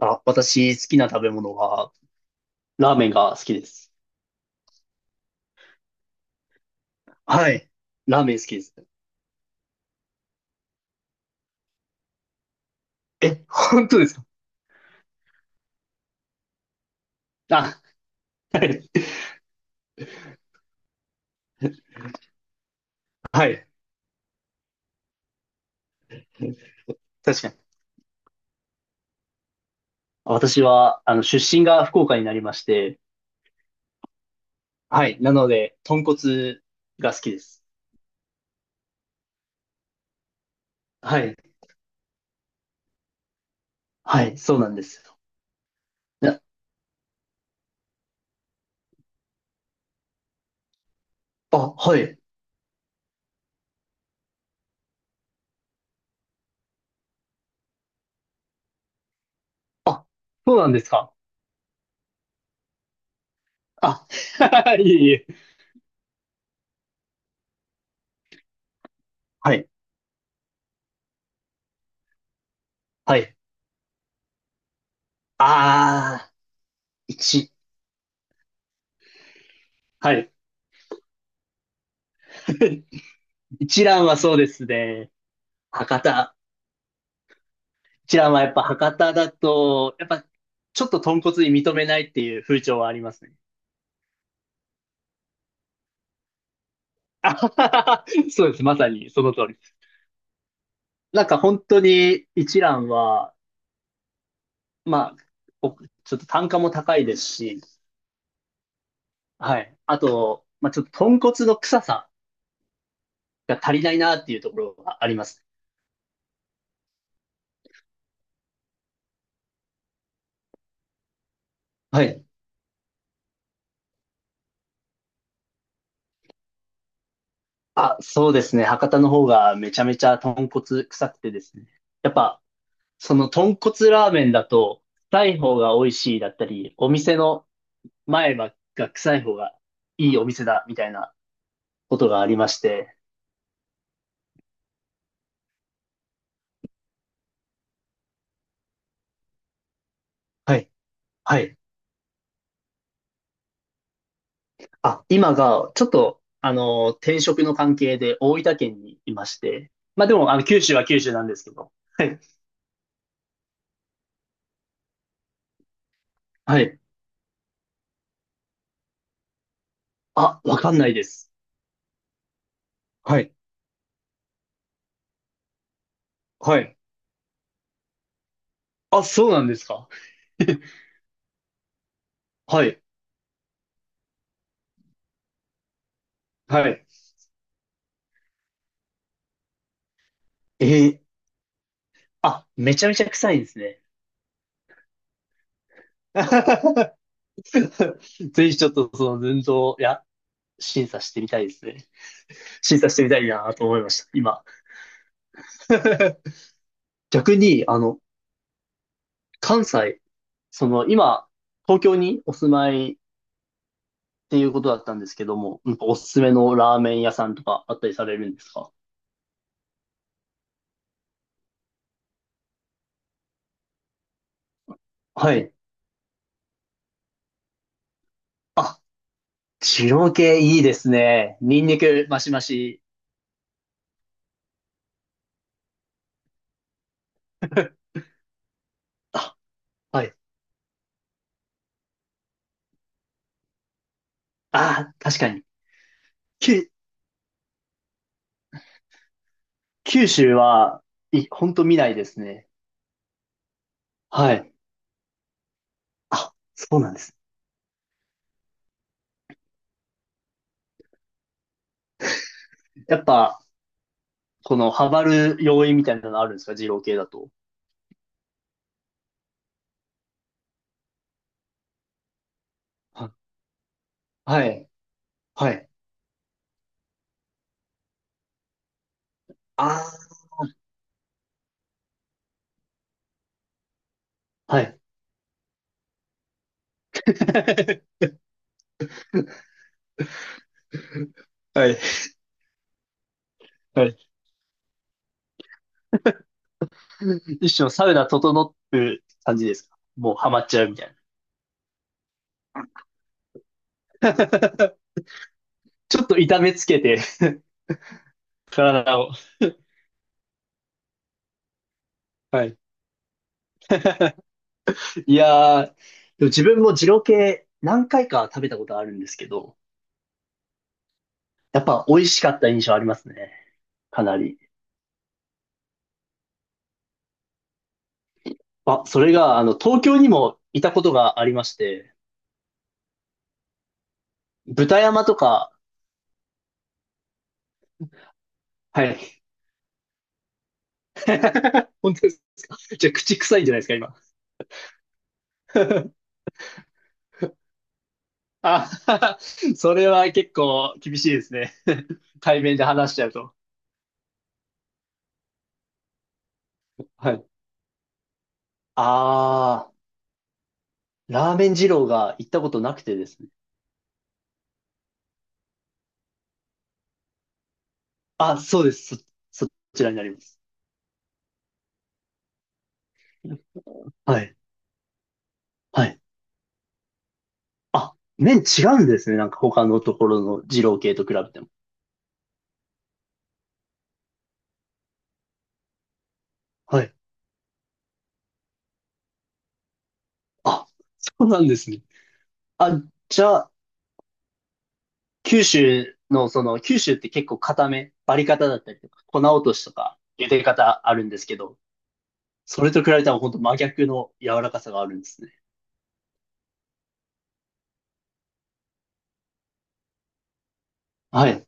私、好きな食べ物は、ラーメンが好きです。はい。ラーメン好きです。え、本当ですか？あ、はい。はい。確かに。私は、出身が福岡になりまして、はい。なので、豚骨が好きです。はい。はい。そうなんですよ。いやあ、はい。あ、そうなんですか。あ、いえいえ。はい。はい。ああ、一。はい。一蘭はそうですね。博多。ちらはやっぱ博多だと、やっぱちょっと豚骨に認めないっていう風潮はありますね。あははは、そうです。まさにその通りです。なんか本当に一蘭は、まあ、おちょっと単価も高いですし、はい。あと、まあちょっと豚骨の臭さが足りないなっていうところがあります。はい。あ、そうですね。博多の方がめちゃめちゃ豚骨臭くてですね。やっぱ、その豚骨ラーメンだと、臭い方が美味しいだったり、お店の前歯が臭い方がいいお店だ、みたいなことがありまして。はい。はい。あ、今が、ちょっと、転職の関係で大分県にいまして。まあでも、九州は九州なんですけど。はい。はい。あ、わかんないです。はい。はい。あ、そうなんですか。はい。はい。えー、あ、めちゃめちゃ臭いですね。ぜひちょっとその寸胴、いや、審査してみたいですね。審査してみたいなと思いました、今。逆に、関西、今、東京にお住まいっていうことだったんですけども、なんかおすすめのラーメン屋さんとかあったりされるんですか？はい。あ、二系いいですね。ニンニクマシマシ。あ、はい。あー、確かに。九、九州は、ほんと見ないですね。はい。あ、そうなんです。やっぱ、この、ハマる要因みたいなのあるんですか二郎系だと？は、はい。はい。あはい。はい。はい。一生サウナ整って感じですか？もうハマっちゃうみたいな。ちょっと痛めつけて、体を。はい。いやー、でも自分も二郎系何回か食べたことあるんですけど、やっぱ美味しかった印象ありますね。かなり。あ、それが、東京にもいたことがありまして、豚山とか、はい。本当です。じゃあ、口臭いんじゃないですか、今？あ、それは結構厳しいですね。対面で話しちゃうと。はい。あラーメン二郎が行ったことなくてですね。あ、そうです。そちらになります。はい。はい。あ、麺違うんですね。なんか他のところの二郎系と比べても。はい。あ、そうなんですね。あ、じゃあ、九州の、その、九州って結構固め、バリ方だったりとか、粉落としとか、茹で方あるんですけど、それと比べたら本当真逆の柔らかさがあるんですね。はい。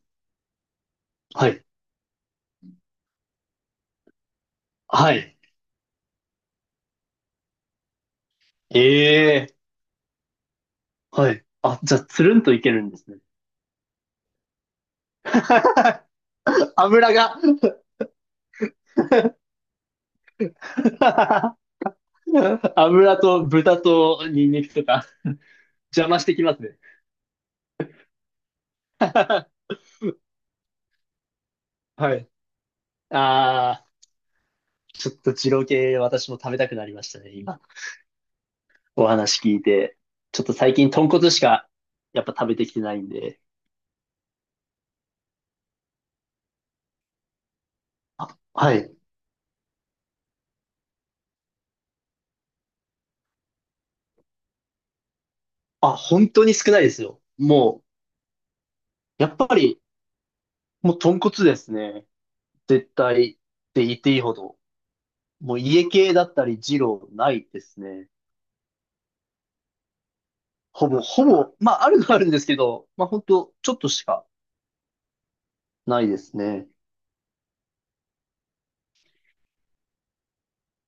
はい。はい。ええ、はい。あ、じゃあ、つるんといけるんですね。油が。 油と豚とニンニクとか邪魔してきますね。はい。ああ、ちょっと二郎系私も食べたくなりましたね、今。お話聞いて。ちょっと最近豚骨しかやっぱ食べてきてないんで。あ、はい。あ、本当に少ないですよ。もう、やっぱり、もう豚骨ですね。絶対って言っていいほど。もう家系だったり二郎ないですね。ほぼ、まあ、あるのはあるんですけど、まあ、本当ちょっとしかないですね。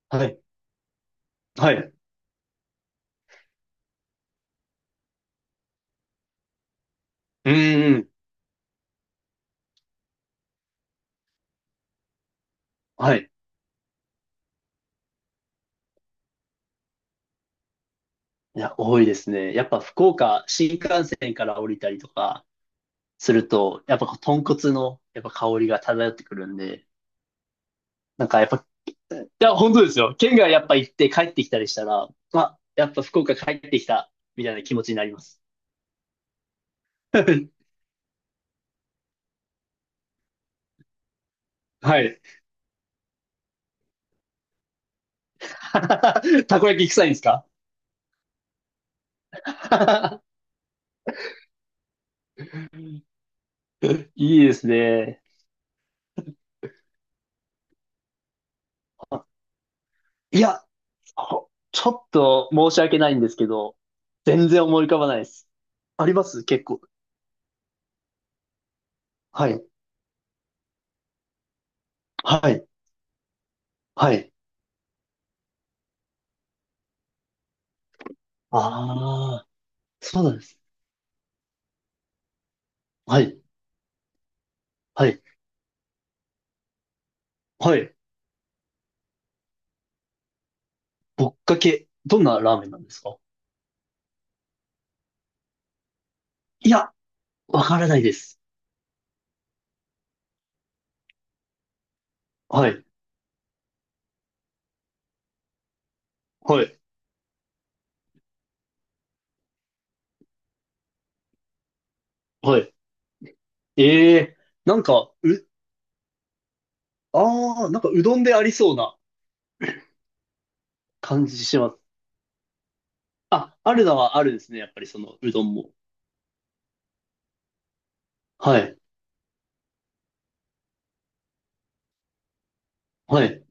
はい。はい。うーん。はい。いや、多いですね。やっぱ福岡、新幹線から降りたりとかすると、やっぱこう豚骨のやっぱ香りが漂ってくるんで、なんかやっぱ、いや、本当ですよ。県外やっぱ行って帰ってきたりしたら、まあ、やっぱ福岡帰ってきた、みたいな気持ちになります。はい。たこ焼き臭いんですか？ いいですね。あ、いや、こちょっと申し訳ないんですけど、全然思い浮かばないです。あります結構。はい。はい。はい。ああ、そうなんです。はい。はい。はい。ぶっかけ、どんなラーメンなんですか？いや、わからないです。はい。はい。はい。ええー、なんか、ああ、なんかうどんでありそうな感じします。あ、あるのはあるですね。やっぱりそのうどんも。はい。はい。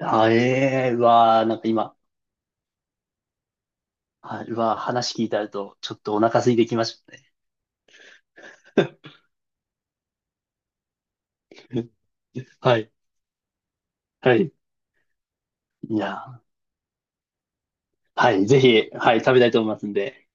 ええー、うわー、なんか今、はい。うわ、話聞いてあると、ちょっとお腹空いてきましたね。はい。はい。いや、はい。ぜひ、はい、食べたいと思いますんで。